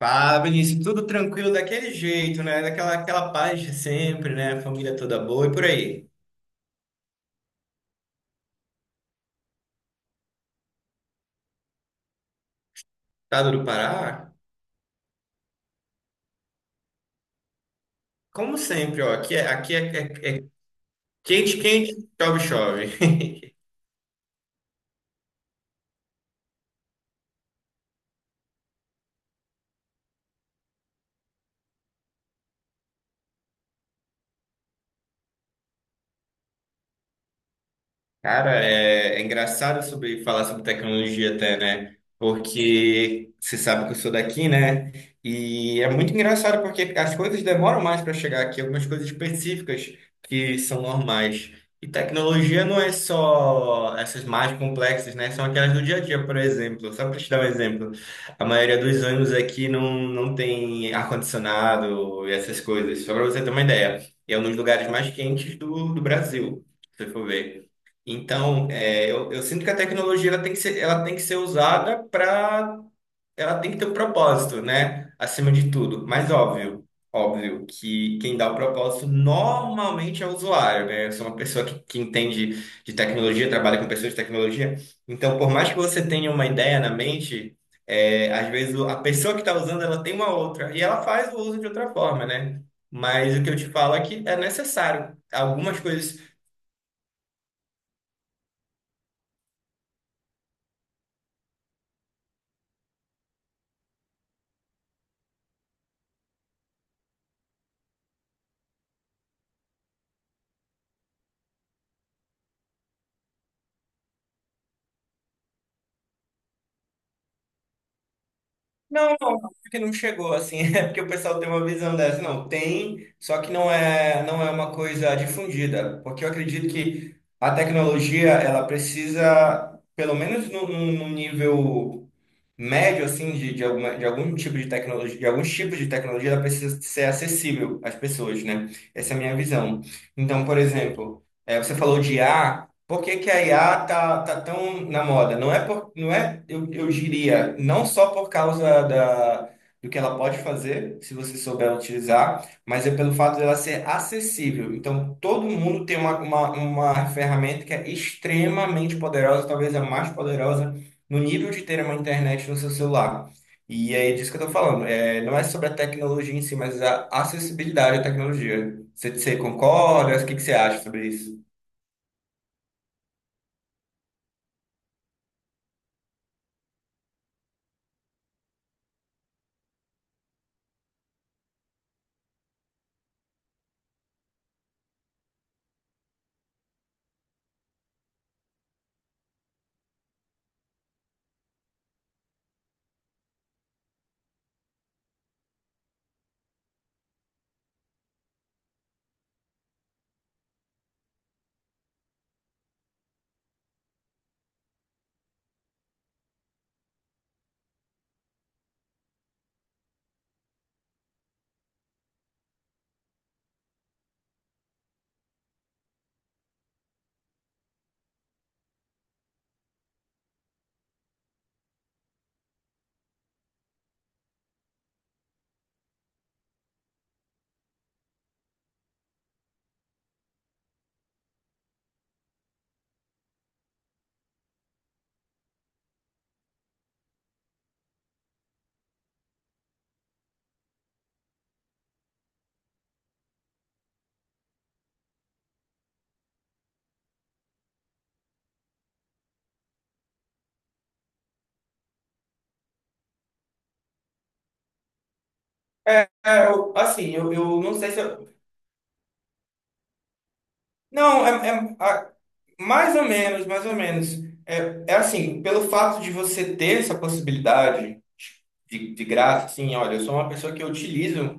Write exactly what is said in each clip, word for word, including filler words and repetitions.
Fala, Vinícius, tudo tranquilo daquele jeito, né? Daquela aquela paz de sempre, né? Família toda boa e por aí. Estado do Pará, como sempre, ó, aqui é, aqui é, é- é quente, quente, chove, chove. Cara, é, é engraçado sobre falar sobre tecnologia até, né? Porque você sabe que eu sou daqui, né? E é muito engraçado porque as coisas demoram mais para chegar aqui, algumas coisas específicas que são normais. E tecnologia não é só essas mais complexas, né? São aquelas do dia a dia, por exemplo. Só para te dar um exemplo, a maioria dos ônibus aqui não, não tem ar-condicionado e essas coisas. Só para você ter uma ideia, e é um dos lugares mais quentes do, do Brasil, se você for ver. Então, é, eu, eu sinto que a tecnologia, ela tem que ser, ela tem que ser usada para, ela tem que ter um propósito, né? Acima de tudo. Mas óbvio, óbvio que quem dá o propósito normalmente é o usuário, né? Eu sou uma pessoa que, que entende de tecnologia, trabalha com pessoas de tecnologia. Então, por mais que você tenha uma ideia na mente, é, às vezes o- a pessoa que está usando ela tem uma outra e ela faz o uso de outra forma, né? Mas o que eu te falo é que é necessário. Algumas coisas Não, não, acho que não chegou assim, é porque o pessoal tem uma visão dessa. Não, tem, só que não é, não é uma coisa difundida, porque eu acredito que a tecnologia, ela precisa, pelo menos num num- num nível médio assim de, de, alguma, de algum tipo de tecnologia, de alguns tipos de tecnologia, ela precisa ser acessível às pessoas, né? Essa é a minha visão. Então, por exemplo, eh, você falou de I A, por que que a I A tá, tá tão na moda? Não é por, não é, eu, eu diria, não só por causa da do que ela pode fazer, se você souber utilizar, mas é pelo fato dela ser acessível. Então, todo mundo tem uma, uma, uma ferramenta que é extremamente poderosa, talvez a mais poderosa no nível de ter uma internet no seu celular. E é disso que eu estou falando. É, não é sobre a tecnologia em si, mas a acessibilidade à tecnologia. Você, você concorda? O que, que você acha sobre isso? É, é, eu- assim, eu, eu não sei se eu... Não, é, é- a- mais ou menos, mais ou menos. É, é assim, pelo fato de você ter essa possibilidade de, de graça, assim, olha, eu sou uma pessoa que utiliza.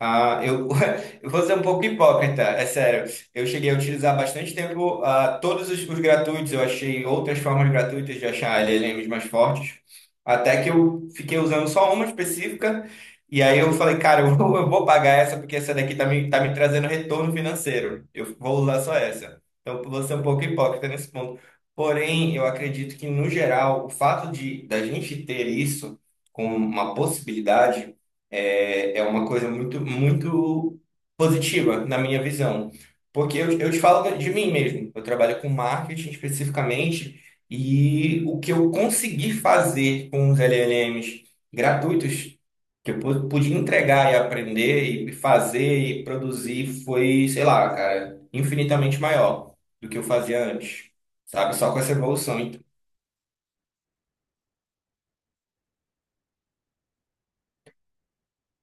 Ah, eu, eu vou ser um pouco hipócrita, é sério. Eu cheguei a utilizar bastante tempo ah, todos os, os gratuitos. Eu achei outras formas gratuitas de achar L L Ms mais fortes. Até que eu fiquei usando só uma específica. E aí eu falei, cara, eu vou, eu vou pagar essa porque essa daqui tá me, tá me trazendo retorno financeiro. Eu vou usar só essa. Então, eu vou ser um pouco hipócrita nesse ponto. Porém, eu acredito que, no geral, o fato de da gente ter isso como uma possibilidade é, é uma coisa muito, muito positiva na minha visão. Porque eu, eu te falo de mim mesmo. Eu trabalho com marketing especificamente e o que eu consegui fazer com os L L Ms gratuitos, que eu pu- pude entregar e aprender e fazer e produzir foi, sei lá, cara, infinitamente maior do que eu fazia antes, sabe? Só com essa evolução.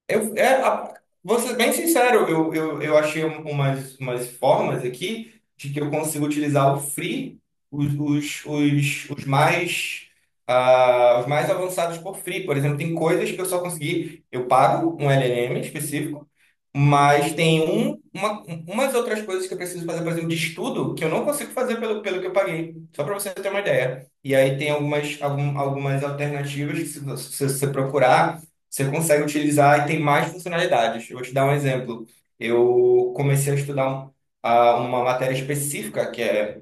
Eu, é, a- Vou ser bem sincero, eu, eu, eu achei umas, umas formas aqui de que eu consigo utilizar o free, os, os, os, os mais, ah, os mais avançados por free. Por exemplo, tem coisas que eu só consegui, eu pago um L L M específico, mas tem um, uma, umas outras coisas que eu preciso fazer, por exemplo, de estudo, que eu não consigo fazer pelo, pelo que eu paguei, só para você ter uma ideia. E aí tem algumas, algum, algumas alternativas que se você se você procurar você consegue utilizar e tem mais funcionalidades. Eu vou te dar um exemplo. Eu comecei a estudar um- a- uma matéria específica que é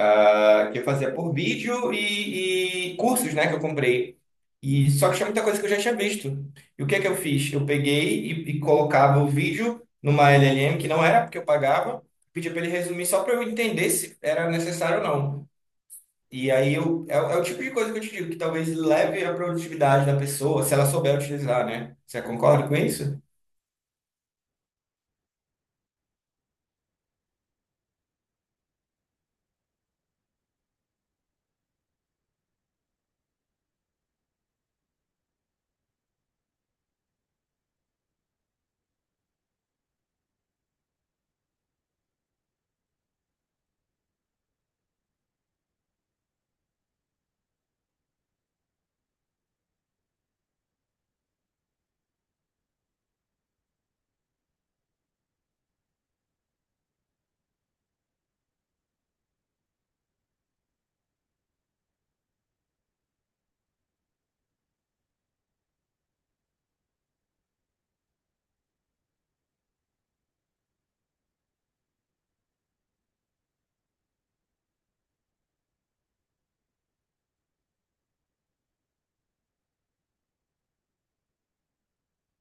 a- que eu fazia por vídeo e, e cursos, né, que eu comprei. E só que tinha muita coisa que eu já tinha visto. E o que é que eu fiz? Eu peguei e, e colocava o vídeo numa L L M que não era porque eu pagava, pedia para ele resumir só para eu entender se era necessário ou não. E aí eu, é, é o tipo de coisa que eu te digo, que talvez leve a produtividade da pessoa, se ela souber utilizar, né? Você concorda com isso?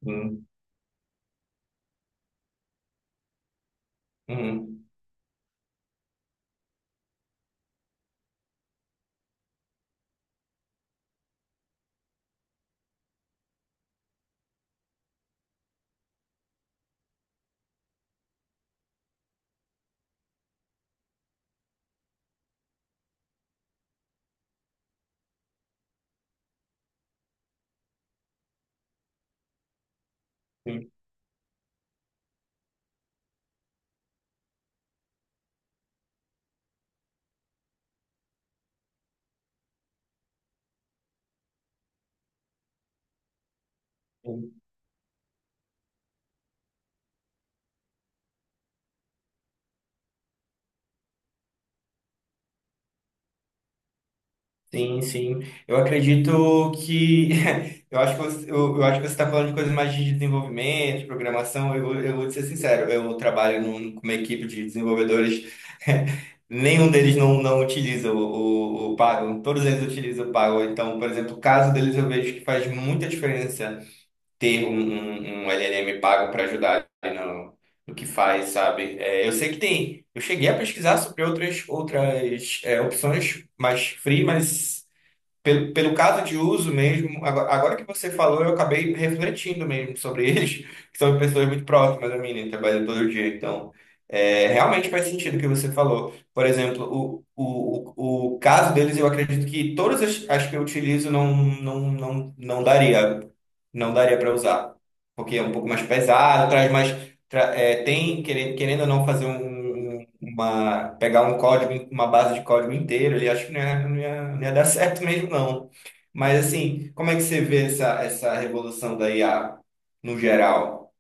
Hum, hum, hum, hum. Sim, sim. Eu acredito que. Eu acho que você, eu, eu acho que você está falando de coisas mais de desenvolvimento, de programação. Eu, vou- eu vou te ser sincero, eu trabalho num- com uma equipe de desenvolvedores. Nenhum deles não, não utiliza o, o, o Pago, todos eles utilizam o Pago. Então, por exemplo, o caso deles eu vejo que faz muita diferença ter um, um, um L L M pago para ajudar no, no que faz, sabe? É, eu sei que tem. Eu cheguei a pesquisar sobre outras, outras é, opções mais free, mas pelo, pelo caso de uso mesmo, agora, agora que você falou, eu acabei refletindo mesmo sobre eles, que são pessoas muito próximas a mim, né? Trabalham todo dia, então. É, realmente faz sentido o que você falou. Por exemplo, o, o, o o caso deles, eu acredito que todas as, as que eu utilizo não, não, não, não daria, não daria para usar, porque é um pouco mais pesado, traz mais, tra- é, tem querendo, querendo ou não fazer um, um- uma, pegar um código, uma base de código inteiro, ele acho que não ia, não ia, não ia dar certo mesmo não. Mas assim, como é que você vê essa, essa revolução da I A no geral?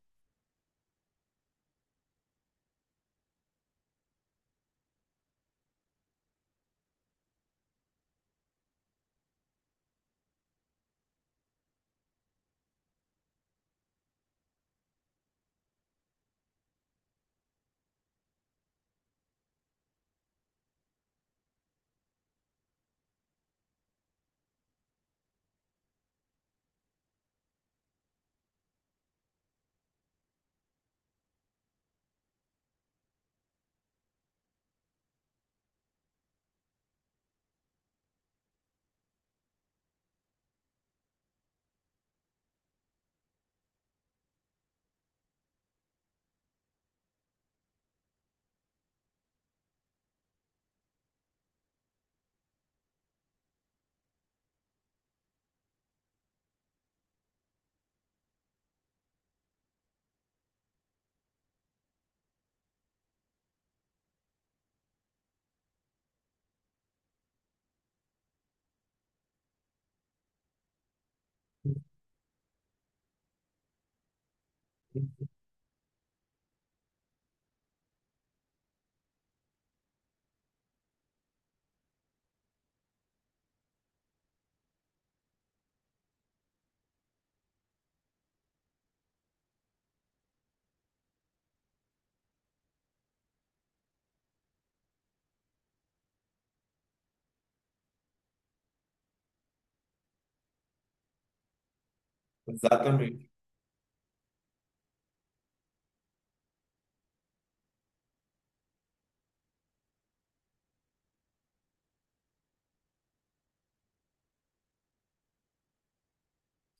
Exatamente.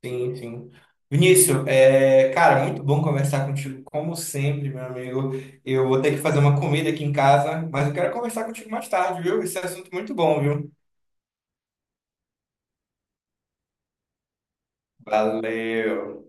Sim, sim. Vinícius, é, cara, muito bom conversar contigo, como sempre, meu amigo. Eu vou ter que fazer uma comida aqui em casa, mas eu quero conversar contigo mais tarde, viu? Esse é assunto é muito bom, viu? Valeu.